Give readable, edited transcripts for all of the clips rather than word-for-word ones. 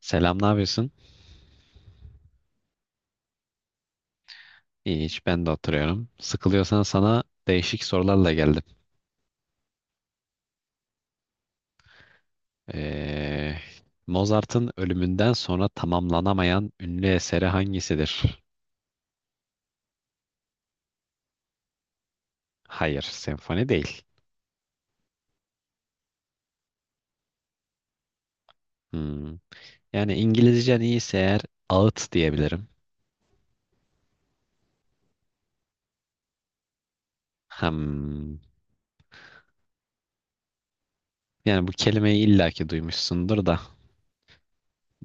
Selam, ne yapıyorsun? İyi, hiç ben de oturuyorum. Sıkılıyorsan sana değişik sorularla geldim. Ee, Mozart'ın ölümünden sonra tamamlanamayan ünlü eseri hangisidir? Hayır, senfoni değil. Hmm. Yani İngilizcen iyiyse eğer ağıt diyebilirim. Hmm. Yani bu kelimeyi illaki duymuşsundur da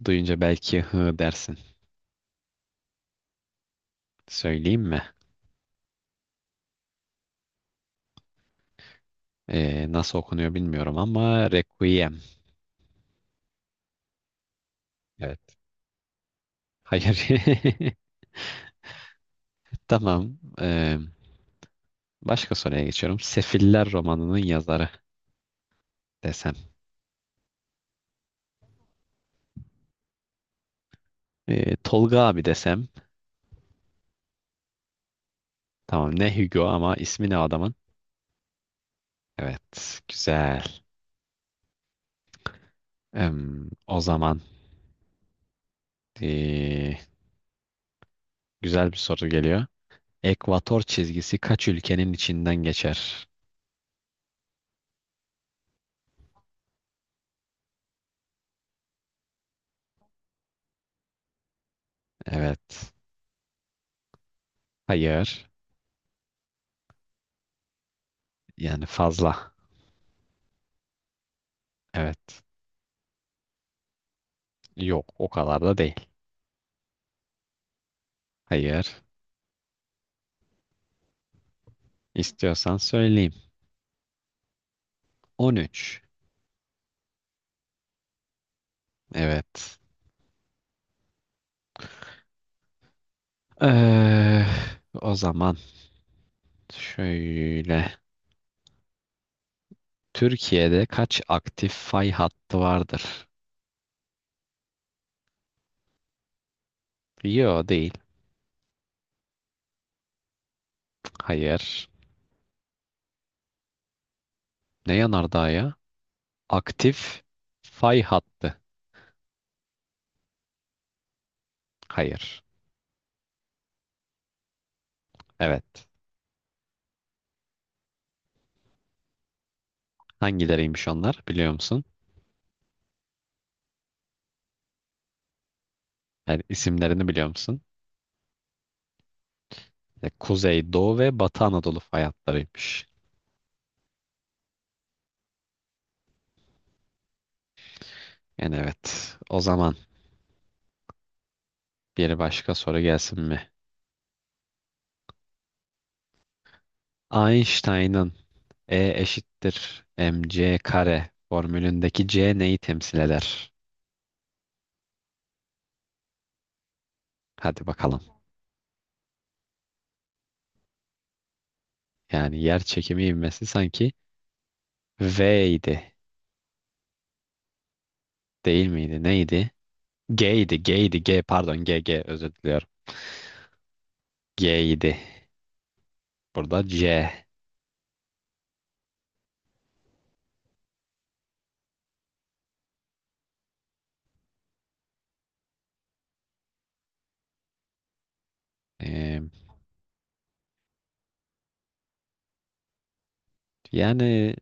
duyunca belki hı dersin. Söyleyeyim mi? Nasıl okunuyor bilmiyorum ama Requiem. Evet. Hayır. Tamam. Başka soruya geçiyorum. Sefiller romanının yazarı desem. Tolga abi desem. Tamam ne Hugo, ama ismi ne adamın? Evet, güzel. O zaman ee, güzel bir soru geliyor. Ekvator çizgisi kaç ülkenin içinden geçer? Evet. Hayır. Yani fazla. Evet. Yok, o kadar da değil. Hayır. İstiyorsan söyleyeyim. 13. Evet. Ee, o zaman şöyle. Türkiye'de kaç aktif fay hattı vardır? Yo, değil. Hayır. Ne yanardağı ya? Aktif fay hattı. Hayır. Evet. Hangileriymiş onlar, biliyor musun? Yani isimlerini biliyor musun? Kuzey, Doğu ve Batı Anadolu fay hatlarıymış. Yani evet. O zaman bir başka soru gelsin mi? Einstein'ın E eşittir mc kare formülündeki C neyi temsil eder? Hadi bakalım. Yani yer çekimi ivmesi sanki V'ydi. Değil miydi? Neydi? G'ydi. G'ydi. G, pardon. G özür diliyorum. G'ydi. Burada C. Ee, yani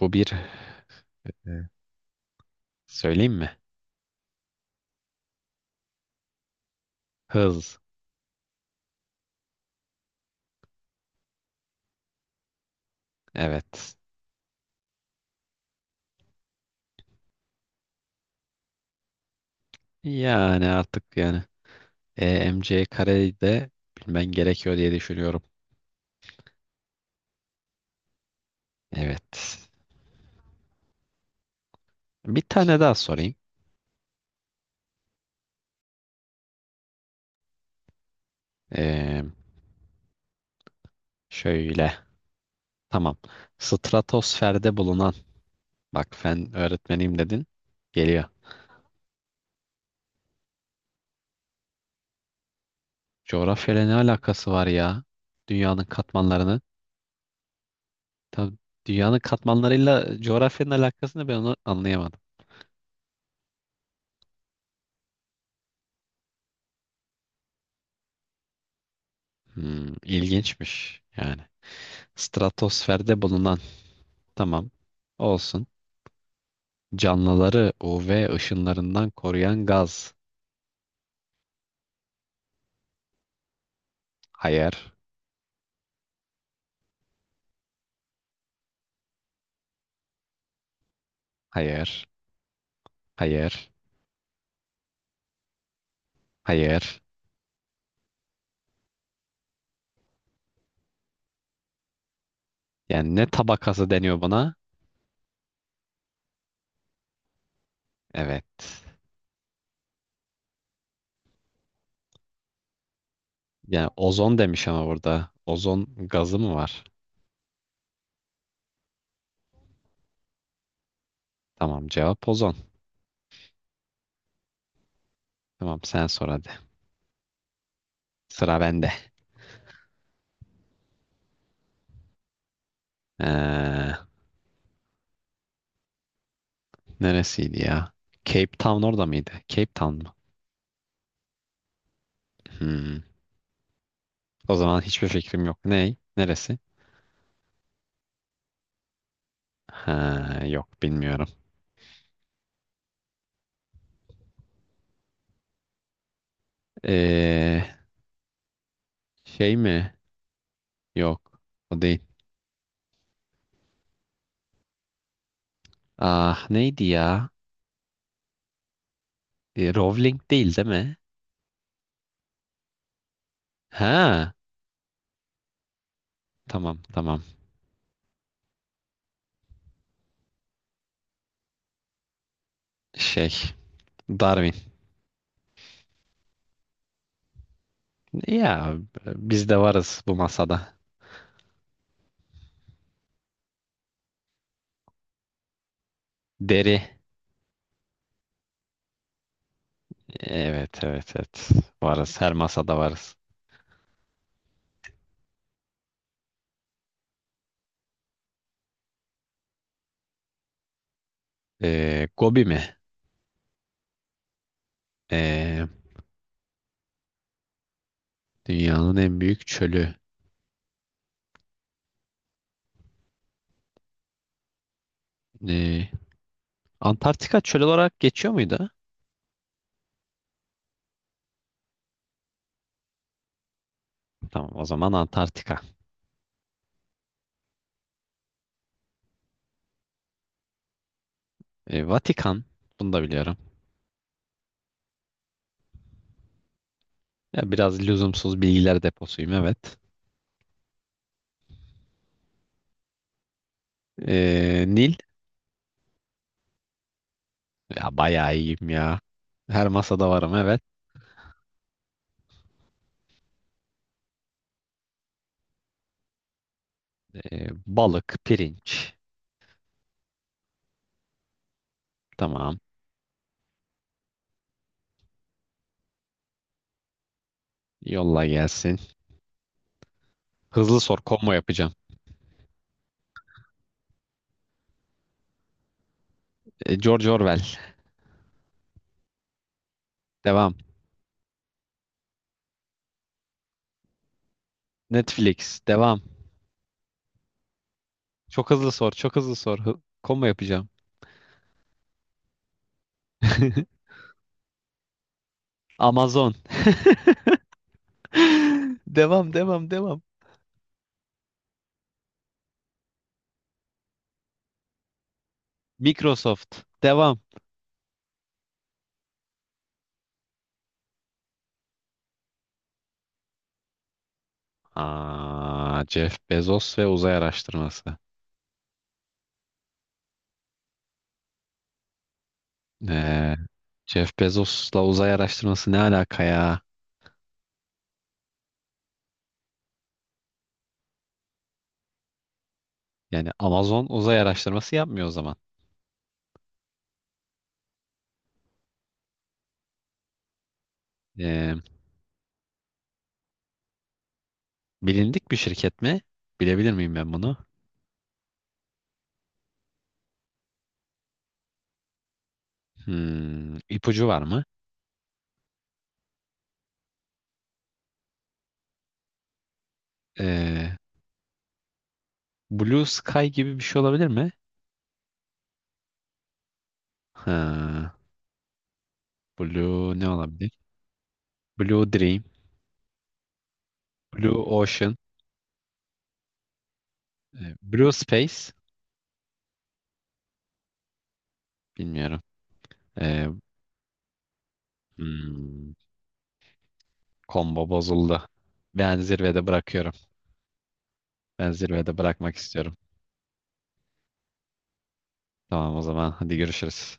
bu bir. Evet. Söyleyeyim mi? Hız. Evet. Yani artık, yani EMC kareyi de bilmen gerekiyor diye düşünüyorum. Evet. Bir tane daha sorayım. Ee, şöyle. Tamam. Stratosferde bulunan. Bak, fen öğretmeniyim dedin. Geliyor. Coğrafyayla ne alakası var ya? Dünyanın katmanlarını. Tabii, dünyanın katmanlarıyla coğrafyanın alakasını ben onu anlayamadım. Hmm, ilginçmiş yani. Stratosferde bulunan, tamam olsun. Canlıları UV ışınlarından koruyan gaz. Hayır, hayır, hayır, hayır. Yani ne tabakası deniyor buna? Evet. Yani ozon demiş ama burada. Ozon gazı mı var? Tamam, cevap ozon. Tamam, sen sor hadi. Sıra bende. Ee, neresiydi ya? Cape Town orada mıydı? Cape Town mı? Hmm. O zaman hiçbir fikrim yok. Ney? Neresi? Ha, yok, bilmiyorum. Ee, şey mi? Yok. O değil. Ah, neydi ya? Rowling, değil değil mi? Ha, tamam, tamam. Şey, Darwin. Ya, biz de varız bu masada. Deri. Evet, evet, evet. Varız. Her masada varız. Gobi mi? Ee, Dünyanın en büyük çölü. Ee, Antarktika çöl olarak geçiyor muydu? Tamam, o zaman Antarktika. Vatikan. Bunu da biliyorum. Ya, biraz lüzumsuz bilgiler deposuyum, evet. Nil. Ya, bayağı iyiyim ya. Her masada varım, evet. Balık, pirinç. Tamam. Yolla, gelsin. Hızlı sor, combo yapacağım. George Orwell. Devam. Netflix. Devam. Çok hızlı sor. Çok hızlı sor. Combo yapacağım. Amazon. Devam, devam, devam. Microsoft. Devam. Jeff Bezos ve uzay araştırması. Ee, Jeff Bezos'la uzay araştırması ne alaka ya? Yani Amazon uzay araştırması yapmıyor o zaman. Ee, bilindik bir şirket mi? Bilebilir miyim ben bunu? Hmm, ipucu var mı? Ee, Blue Sky gibi bir şey olabilir mi? Ha, Blue ne olabilir? Blue Dream, Blue Ocean, Blue Space. Bilmiyorum. Ee, hmm, Combo bozuldu. Ben zirvede bırakıyorum. Ben zirvede bırakmak istiyorum. Tamam, o zaman hadi görüşürüz.